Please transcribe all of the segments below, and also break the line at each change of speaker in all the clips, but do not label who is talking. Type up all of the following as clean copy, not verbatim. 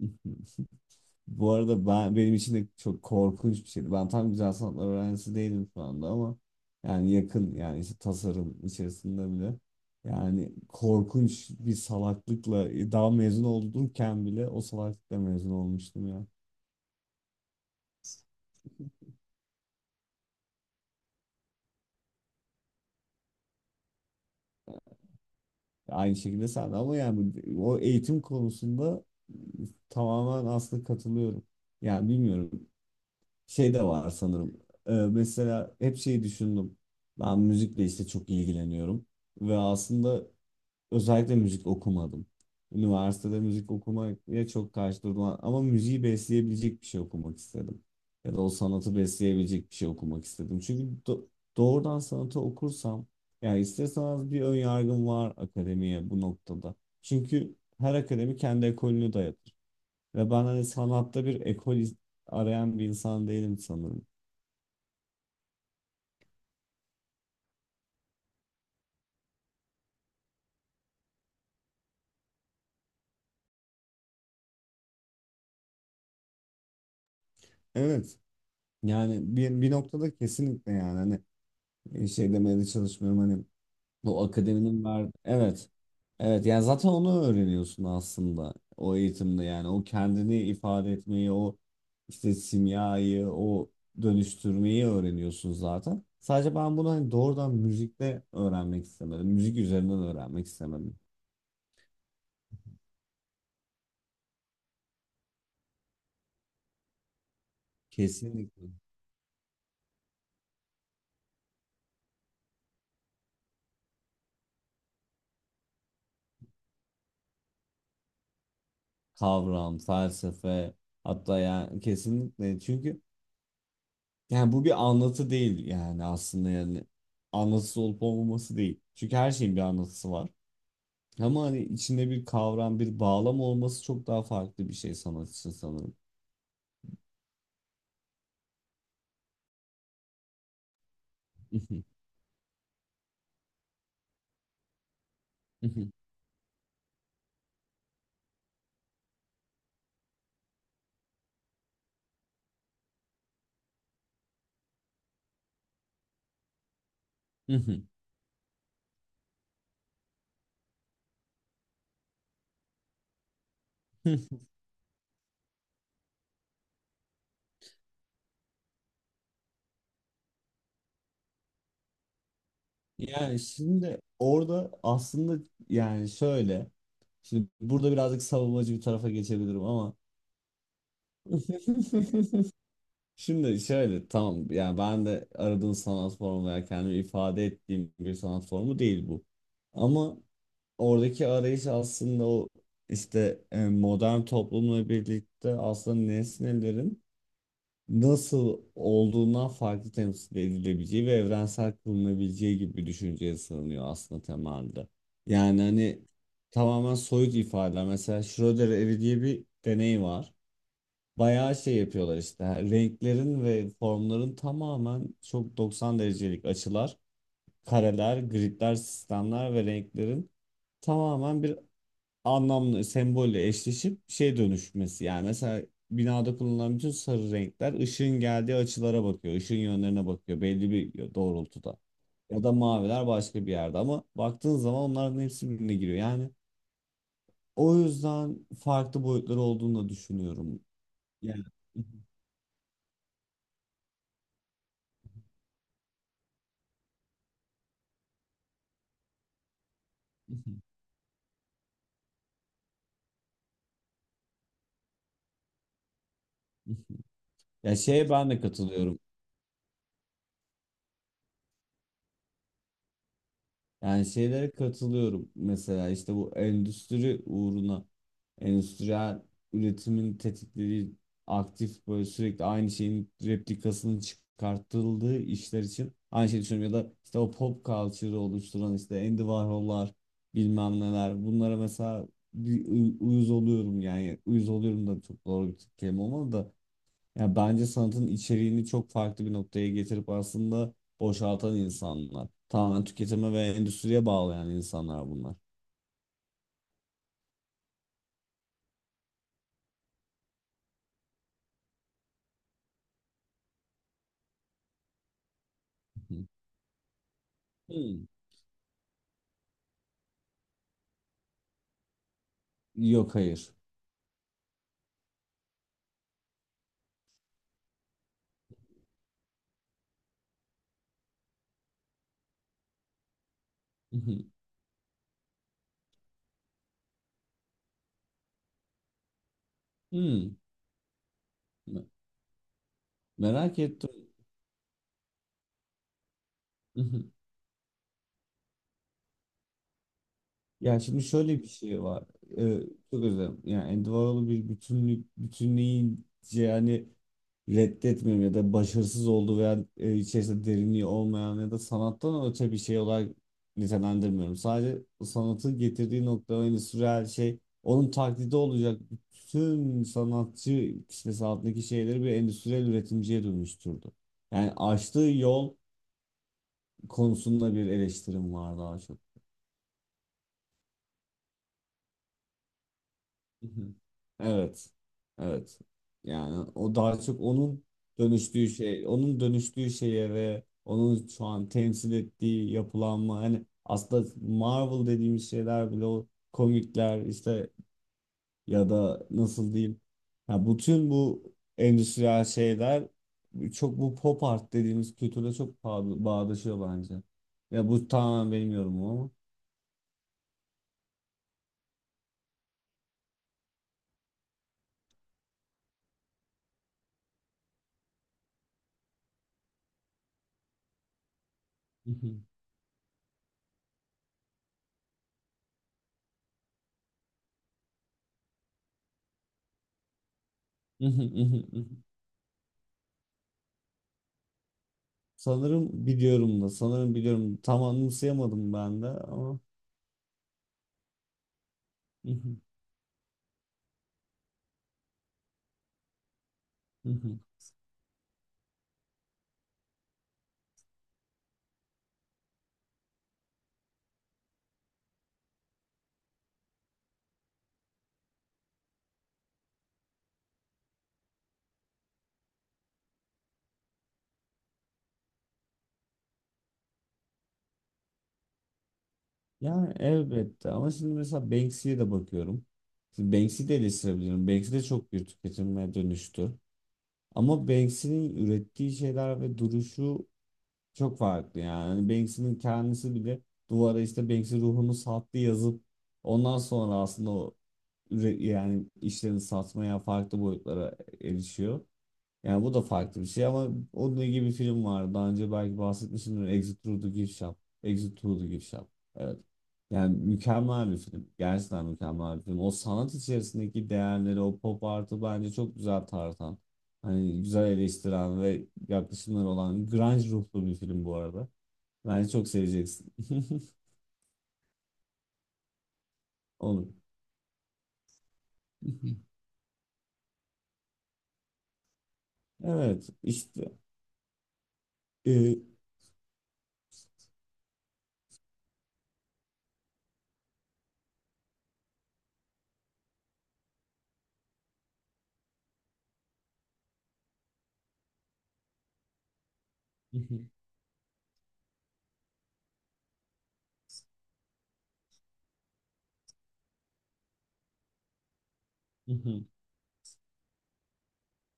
Bu arada ben benim için de çok korkunç bir şeydi. Ben tam güzel sanatlar öğrencisi değilim şu anda ama yani yakın, işte tasarım içerisinde bile yani korkunç bir salaklıkla daha mezun olurken bile o salaklıkla mezun olmuştum ya. Aynı şekilde sen de, ama yani o eğitim konusunda tamamen aslında katılıyorum. Yani bilmiyorum, şey de var sanırım. Mesela hep şeyi düşündüm. Ben müzikle işte çok ilgileniyorum. Ve aslında özellikle müzik okumadım. Üniversitede müzik okumaya çok karşı durdum ama müziği besleyebilecek bir şey okumak istedim. Ya da o sanatı besleyebilecek bir şey okumak istedim. Doğrudan sanatı okursam, yani isterseniz, bir ön yargım var akademiye bu noktada. Çünkü her akademi kendi ekolünü dayatır. Ve ben hani sanatta arayan bir insan değilim sanırım. Evet. Yani bir noktada kesinlikle, yani hani şey demeye de çalışmıyorum, hani bu akademinin ver, evet. Evet, yani zaten onu öğreniyorsun aslında, o eğitimde yani, o kendini ifade etmeyi, o işte simyayı, o dönüştürmeyi öğreniyorsun zaten. Sadece ben bunu hani doğrudan müzikle öğrenmek istemedim. Müzik üzerinden öğrenmek istemedim. Kesinlikle. Kavram, felsefe, hatta yani kesinlikle, çünkü yani bu bir anlatı değil yani, aslında yani anlatısı olup olmaması değil. Çünkü her şeyin bir anlatısı var. Ama hani içinde bir kavram, bir bağlam olması çok daha farklı bir şey sanat için sanırım. Yani şimdi orada aslında yani şöyle, şimdi burada birazcık savunmacı bir tarafa geçebilirim ama şimdi şöyle, tamam, yani ben de aradığım sanat formu veya kendimi ifade ettiğim bir sanat formu değil bu. Ama oradaki arayış aslında o işte, modern toplumla birlikte aslında nesnelerin nasıl olduğundan farklı temsil edilebileceği ve evrensel kılınabileceği gibi bir düşünceye sığınıyor aslında temelde. Yani hani tamamen soyut ifadeler. Mesela Schrödinger evi diye bir deney var. Bayağı şey yapıyorlar işte. Yani renklerin ve formların tamamen, çok 90 derecelik açılar, kareler, gridler, sistemler ve renklerin tamamen bir anlamlı sembolle eşleşip şey dönüşmesi. Yani mesela binada kullanılan bütün sarı renkler ışığın geldiği açılara bakıyor, ışığın yönlerine bakıyor belli bir doğrultuda. Ya da maviler başka bir yerde ama baktığın zaman onların hepsi birbirine giriyor. Yani o yüzden farklı boyutları olduğunu da düşünüyorum. Yani ya şeye ben de katılıyorum. Yani şeylere katılıyorum mesela işte, bu endüstri uğruna endüstriyel üretimin tetiklediği aktif, böyle sürekli aynı şeyin replikasının çıkartıldığı işler için aynı şeyi düşünüyorum. Ya da işte o pop culture'ı oluşturan işte Andy Warhol'lar, bilmem neler, bunlara mesela uyuz oluyorum, yani uyuz oluyorum da çok doğru bir kelime olmadı da, yani bence sanatın içeriğini çok farklı bir noktaya getirip aslında boşaltan insanlar. Tamamen tüketime ve endüstriye bağlayan insanlar bunlar. Hı. Hmm. Yok, hayır. Hı hı. Hmm. Me- Merak ettim. Hı hı. Ya şimdi şöyle bir şey var. Ee, çok özür dilerim. Yani Andy Warhol'u bir bütünlük, bütünleyici yani reddetmiyorum ya da başarısız olduğu veya içerisinde derinliği olmayan ya da sanattan öte bir şey olarak nitelendirmiyorum. Sadece sanatı getirdiği nokta ve endüstriyel şey, onun taklidi olacak bütün sanatçı kitlesi altındaki şeyleri bir endüstriyel üretimciye dönüştürdü. Yani açtığı yol konusunda bir eleştirim var daha çok. Hı hı. Evet. Evet. Yani o daha çok onun dönüştüğü şey, onun dönüştüğü şeye ve onun şu an temsil ettiği yapılanma, hani aslında Marvel dediğimiz şeyler bile o komikler işte, ya da nasıl diyeyim, ya bütün bu endüstriyel şeyler çok bu pop art dediğimiz kültüre çok bağdaşıyor bence. Ya bu tamamen benim yorumum ama. Sanırım biliyorum da, sanırım biliyorum. Tam anımsayamadım ben de ama. Hı hı, hı hı. Yani elbette, ama şimdi mesela Banksy'ye de bakıyorum. Şimdi Banksy'yi de eleştirebilirim. Banksy de çok bir tüketilmeye dönüştü. Ama Banksy'nin ürettiği şeyler ve duruşu çok farklı yani. Hani Banksy'nin kendisi bile duvara işte "Banksy ruhunu sattı" yazıp ondan sonra aslında yani işlerini satmaya, farklı boyutlara erişiyor. Yani bu da farklı bir şey ama onun gibi bir film vardı. Daha önce belki bahsetmişimdir. Exit Through the Gift Shop. Exit Through the Gift Shop. Evet. Yani mükemmel bir film. Gerçekten mükemmel bir film. O sanat içerisindeki değerleri, o pop artı bence çok güzel tartan. Hani güzel eleştiren ve yaklaşımları olan grunge ruhlu bir film bu arada. Bence çok seveceksin. Olur. Evet, işte. e,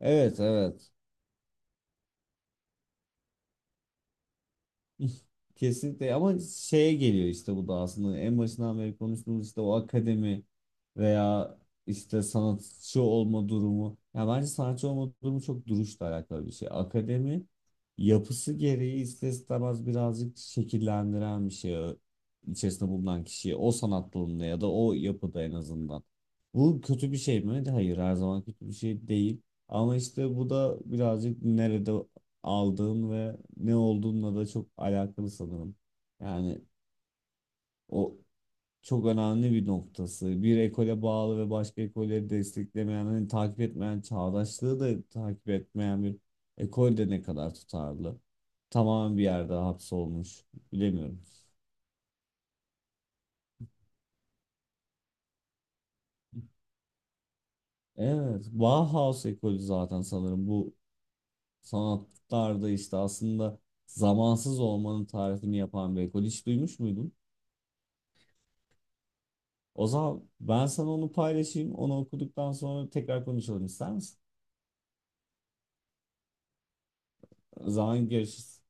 Evet, evet. Kesinlikle, ama şeye geliyor işte, bu da aslında en başından beri konuştuğumuz işte o akademi veya işte sanatçı olma durumu. Ya bence sanatçı olma durumu çok duruşla alakalı bir şey. Akademi yapısı gereği ister istemez birazcık şekillendiren bir içerisinde bulunan kişiyi o sanat dalında ya da o yapıda en azından. Bu kötü bir şey mi? Hayır, her zaman kötü bir şey değil. Ama işte bu da birazcık nerede aldığın ve ne olduğunla da çok alakalı sanırım. Yani o çok önemli bir noktası. Bir ekole bağlı ve başka ekolleri desteklemeyen, hani takip etmeyen, çağdaşlığı da takip etmeyen bir ekol de ne kadar tutarlı. Tamamen bir yerde hapsolmuş. Bilemiyorum. Evet, Bauhaus ekolü zaten sanırım bu sanatlarda işte aslında zamansız olmanın tarifini yapan bir ekol. Hiç duymuş muydun? O zaman ben sana onu paylaşayım. Onu okuduktan sonra tekrar konuşalım ister misin? O zaman görüşürüz.